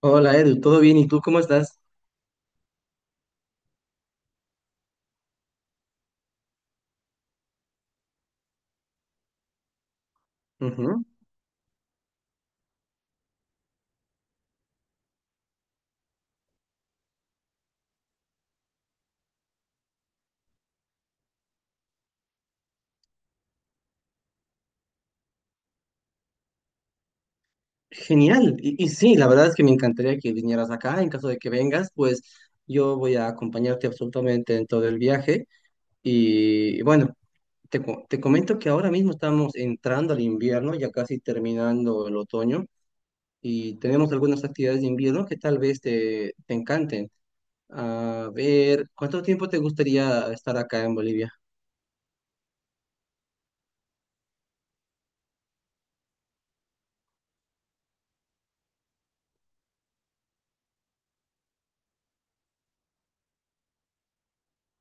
Hola Edu, ¿todo bien? ¿Y tú cómo estás? Ujú. Genial. Y sí, la verdad es que me encantaría que vinieras acá. En caso de que vengas, pues yo voy a acompañarte absolutamente en todo el viaje. Y bueno, te comento que ahora mismo estamos entrando al invierno, ya casi terminando el otoño, y tenemos algunas actividades de invierno que tal vez te encanten. A ver, ¿cuánto tiempo te gustaría estar acá en Bolivia?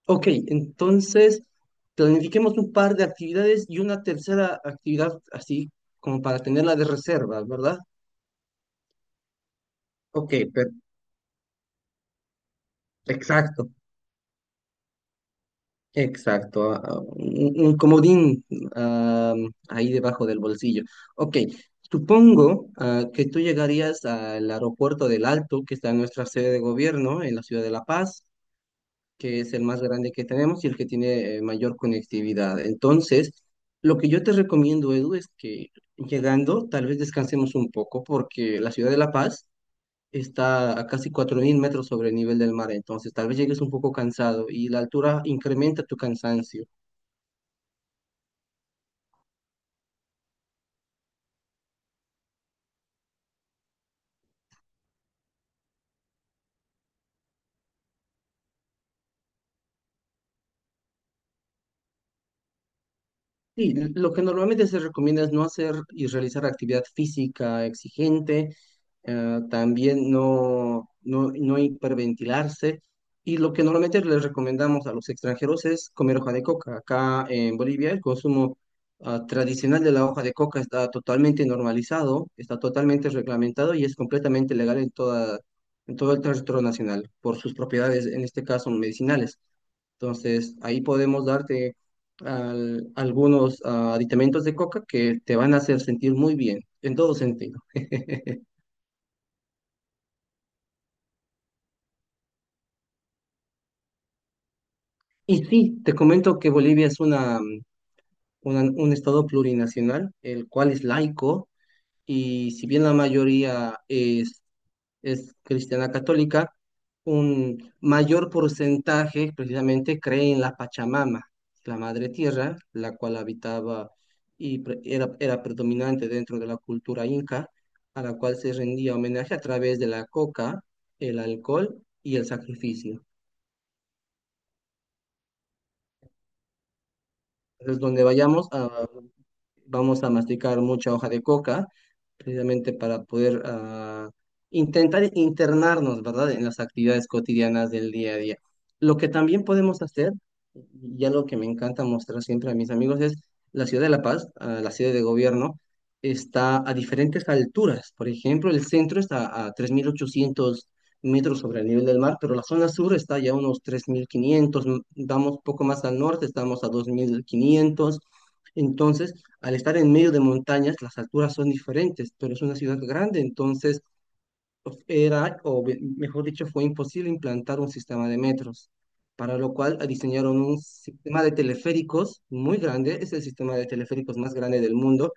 Ok, entonces planifiquemos un par de actividades y una tercera actividad así como para tenerla de reserva, ¿verdad? Ok, exacto, exacto. Un comodín ah, ahí debajo del bolsillo. Ok, supongo que tú llegarías al aeropuerto del Alto, que está en nuestra sede de gobierno en la ciudad de La Paz, que es el más grande que tenemos y el que tiene mayor conectividad. Entonces, lo que yo te recomiendo, Edu, es que llegando, tal vez descansemos un poco, porque la ciudad de La Paz está a casi 4.000 metros sobre el nivel del mar, entonces tal vez llegues un poco cansado y la altura incrementa tu cansancio. Sí, lo que normalmente se recomienda es no hacer y realizar actividad física exigente, también no hiperventilarse. Y lo que normalmente les recomendamos a los extranjeros es comer hoja de coca. Acá en Bolivia el consumo tradicional de la hoja de coca está totalmente normalizado, está totalmente reglamentado y es completamente legal en todo el territorio nacional por sus propiedades, en este caso medicinales. Entonces, ahí podemos darte algunos aditamentos de coca que te van a hacer sentir muy bien, en todo sentido. Y sí, te comento que Bolivia es un estado plurinacional, el cual es laico, y si bien la mayoría es cristiana católica, un mayor porcentaje precisamente cree en la Pachamama, la madre tierra, la cual habitaba y era predominante dentro de la cultura inca, a la cual se rendía homenaje a través de la coca, el alcohol y el sacrificio. Entonces, donde vayamos a vamos a masticar mucha hoja de coca, precisamente para poder intentar internarnos, ¿verdad?, en las actividades cotidianas del día a día. Lo que también podemos hacer, y algo que me encanta mostrar siempre a mis amigos, es la ciudad de La Paz, la ciudad de gobierno, está a diferentes alturas. Por ejemplo, el centro está a 3.800 metros sobre el nivel del mar, pero la zona sur está ya a unos 3.500, vamos poco más al norte, estamos a 2.500. Entonces, al estar en medio de montañas, las alturas son diferentes, pero es una ciudad grande, entonces pues, mejor dicho, fue imposible implantar un sistema de metros, para lo cual diseñaron un sistema de teleféricos muy grande, es el sistema de teleféricos más grande del mundo,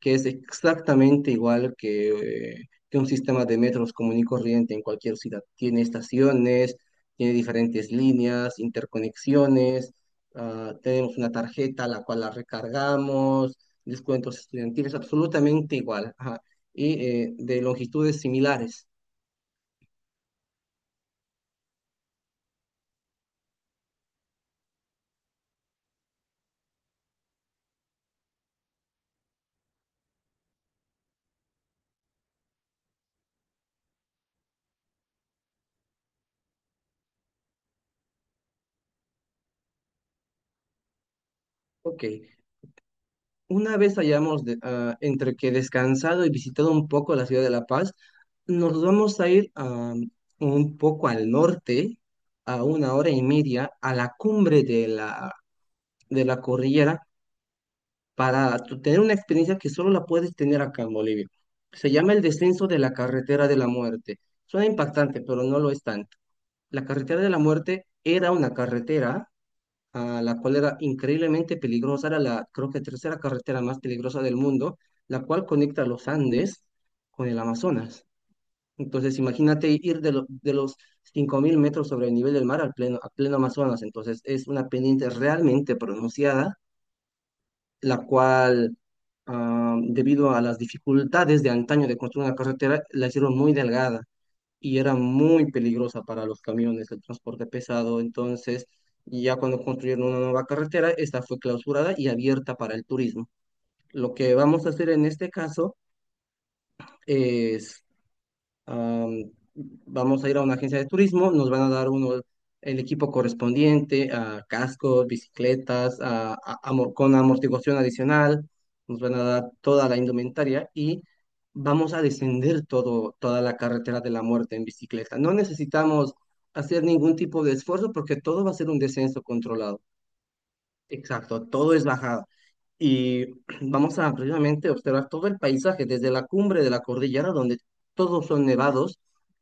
que es exactamente igual que un sistema de metros común y corriente en cualquier ciudad. Tiene estaciones, tiene diferentes líneas, interconexiones, tenemos una tarjeta la cual la recargamos, descuentos estudiantiles, absolutamente igual, ajá, y de longitudes similares. Ok, una vez hayamos entre que descansado y visitado un poco la ciudad de La Paz, nos vamos a ir un poco al norte, a una hora y media, a la cumbre de de la cordillera, para tener una experiencia que solo la puedes tener acá en Bolivia. Se llama el descenso de la carretera de la muerte. Suena impactante, pero no lo es tanto. La carretera de la muerte era una carretera la cual era increíblemente peligrosa, era la, creo que, tercera carretera más peligrosa del mundo, la cual conecta los Andes con el Amazonas. Entonces, imagínate ir de los 5.000 metros sobre el nivel del mar al pleno, a pleno Amazonas. Entonces, es una pendiente realmente pronunciada, la cual, debido a las dificultades de antaño de construir una carretera, la hicieron muy delgada y era muy peligrosa para los camiones, el transporte pesado. Entonces, ya cuando construyeron una nueva carretera, esta fue clausurada y abierta para el turismo. Lo que vamos a hacer en este caso es am, vamos a ir a una agencia de turismo, nos van a dar el equipo correspondiente, a cascos, bicicletas, con amortiguación adicional, nos van a dar toda la indumentaria y vamos a descender toda la carretera de la muerte en bicicleta. No necesitamos hacer ningún tipo de esfuerzo porque todo va a ser un descenso controlado. Exacto, todo es bajada. Y vamos a precisamente observar todo el paisaje, desde la cumbre de la cordillera, donde todos son nevados,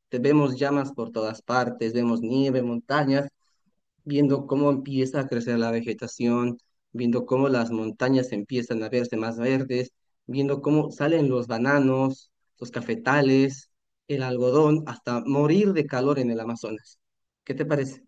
te vemos llamas por todas partes, vemos nieve, montañas, viendo cómo empieza a crecer la vegetación, viendo cómo las montañas empiezan a verse más verdes, viendo cómo salen los bananos, los cafetales, el algodón, hasta morir de calor en el Amazonas. ¿Qué te parece?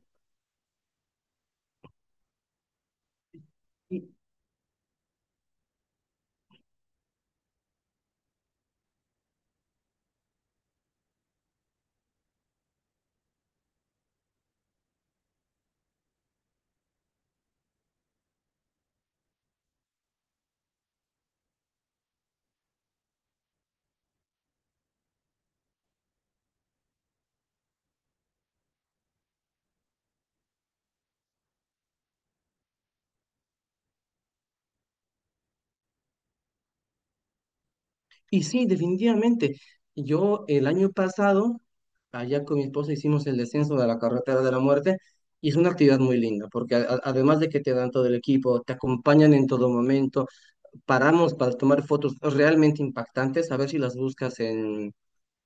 Y sí, definitivamente. Yo el año pasado, allá con mi esposa hicimos el descenso de la carretera de la muerte y es una actividad muy linda porque además de que te dan todo el equipo, te acompañan en todo momento, paramos para tomar fotos realmente impactantes, a ver si las buscas en,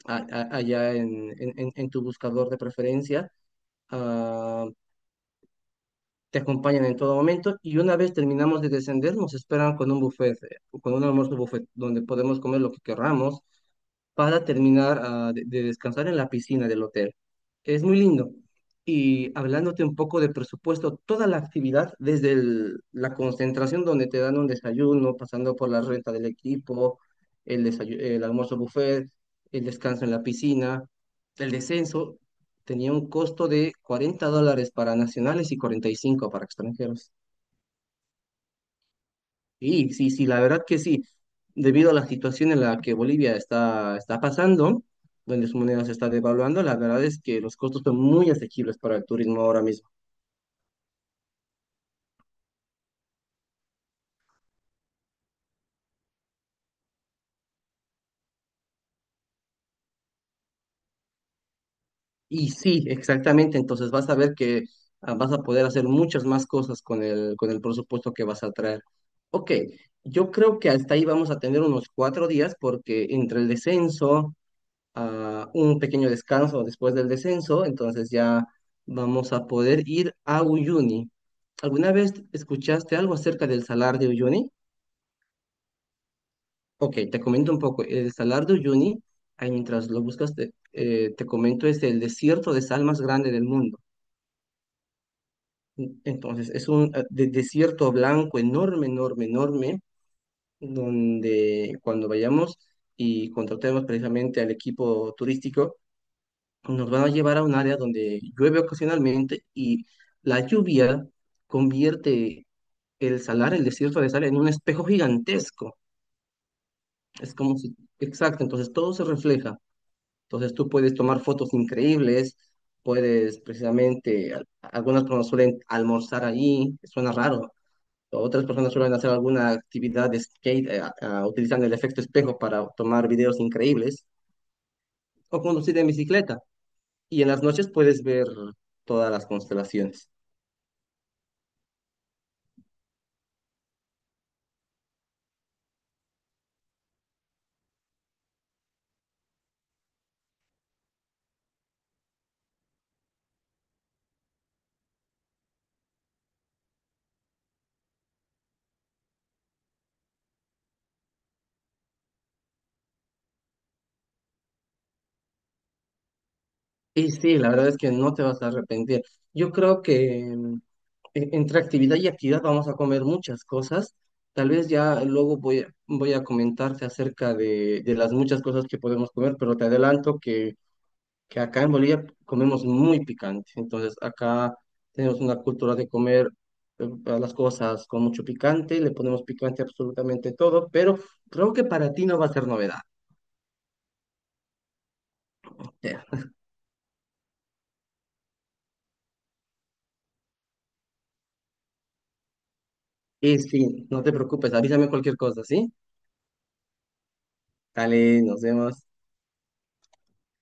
a- a- allá en tu buscador de preferencia. Ah, te acompañan en todo momento y una vez terminamos de descender nos esperan con un almuerzo buffet donde podemos comer lo que querramos para terminar de descansar en la piscina del hotel. Es muy lindo. Y hablándote un poco de presupuesto, toda la actividad, desde la concentración donde te dan un desayuno, pasando por la renta del equipo, el almuerzo buffet, el descanso en la piscina, el descenso, tenía un costo de $40 para nacionales y 45 para extranjeros. Sí, sí, sí, la verdad que sí. Debido a la situación en la que Bolivia está pasando, donde su moneda se está devaluando, la verdad es que los costos son muy asequibles para el turismo ahora mismo. Y sí, exactamente, entonces vas a ver que vas a poder hacer muchas más cosas con el presupuesto que vas a traer. Ok, yo creo que hasta ahí vamos a tener unos 4 días porque entre el descenso, un pequeño descanso después del descenso, entonces ya vamos a poder ir a Uyuni. ¿Alguna vez escuchaste algo acerca del salar de Uyuni? Ok, te comento un poco. El salar de Uyuni, ahí mientras lo buscas, te, te comento, es el desierto de sal más grande del mundo. Entonces, es un desierto blanco enorme, enorme, enorme, donde cuando vayamos y contratemos precisamente al equipo turístico, nos van a llevar a un área donde llueve ocasionalmente y la lluvia convierte el salar, el desierto de sal, en un espejo gigantesco. Es como si, exacto, entonces todo se refleja. Entonces tú puedes tomar fotos increíbles, puedes precisamente, algunas personas suelen almorzar allí, suena raro. Otras personas suelen hacer alguna actividad de skate utilizando el efecto espejo para tomar videos increíbles o conducir en bicicleta. Y en las noches puedes ver todas las constelaciones. Y sí, la verdad es que no te vas a arrepentir. Yo creo que entre actividad y actividad vamos a comer muchas cosas. Tal vez ya luego voy a comentarte acerca de las muchas cosas que podemos comer, pero te adelanto que acá en Bolivia comemos muy picante. Entonces acá tenemos una cultura de comer eh, las cosas con mucho picante, le ponemos picante a absolutamente todo, pero creo que para ti no va a ser novedad. Ya. Y sí, no te preocupes, avísame cualquier cosa, ¿sí? Dale, nos vemos.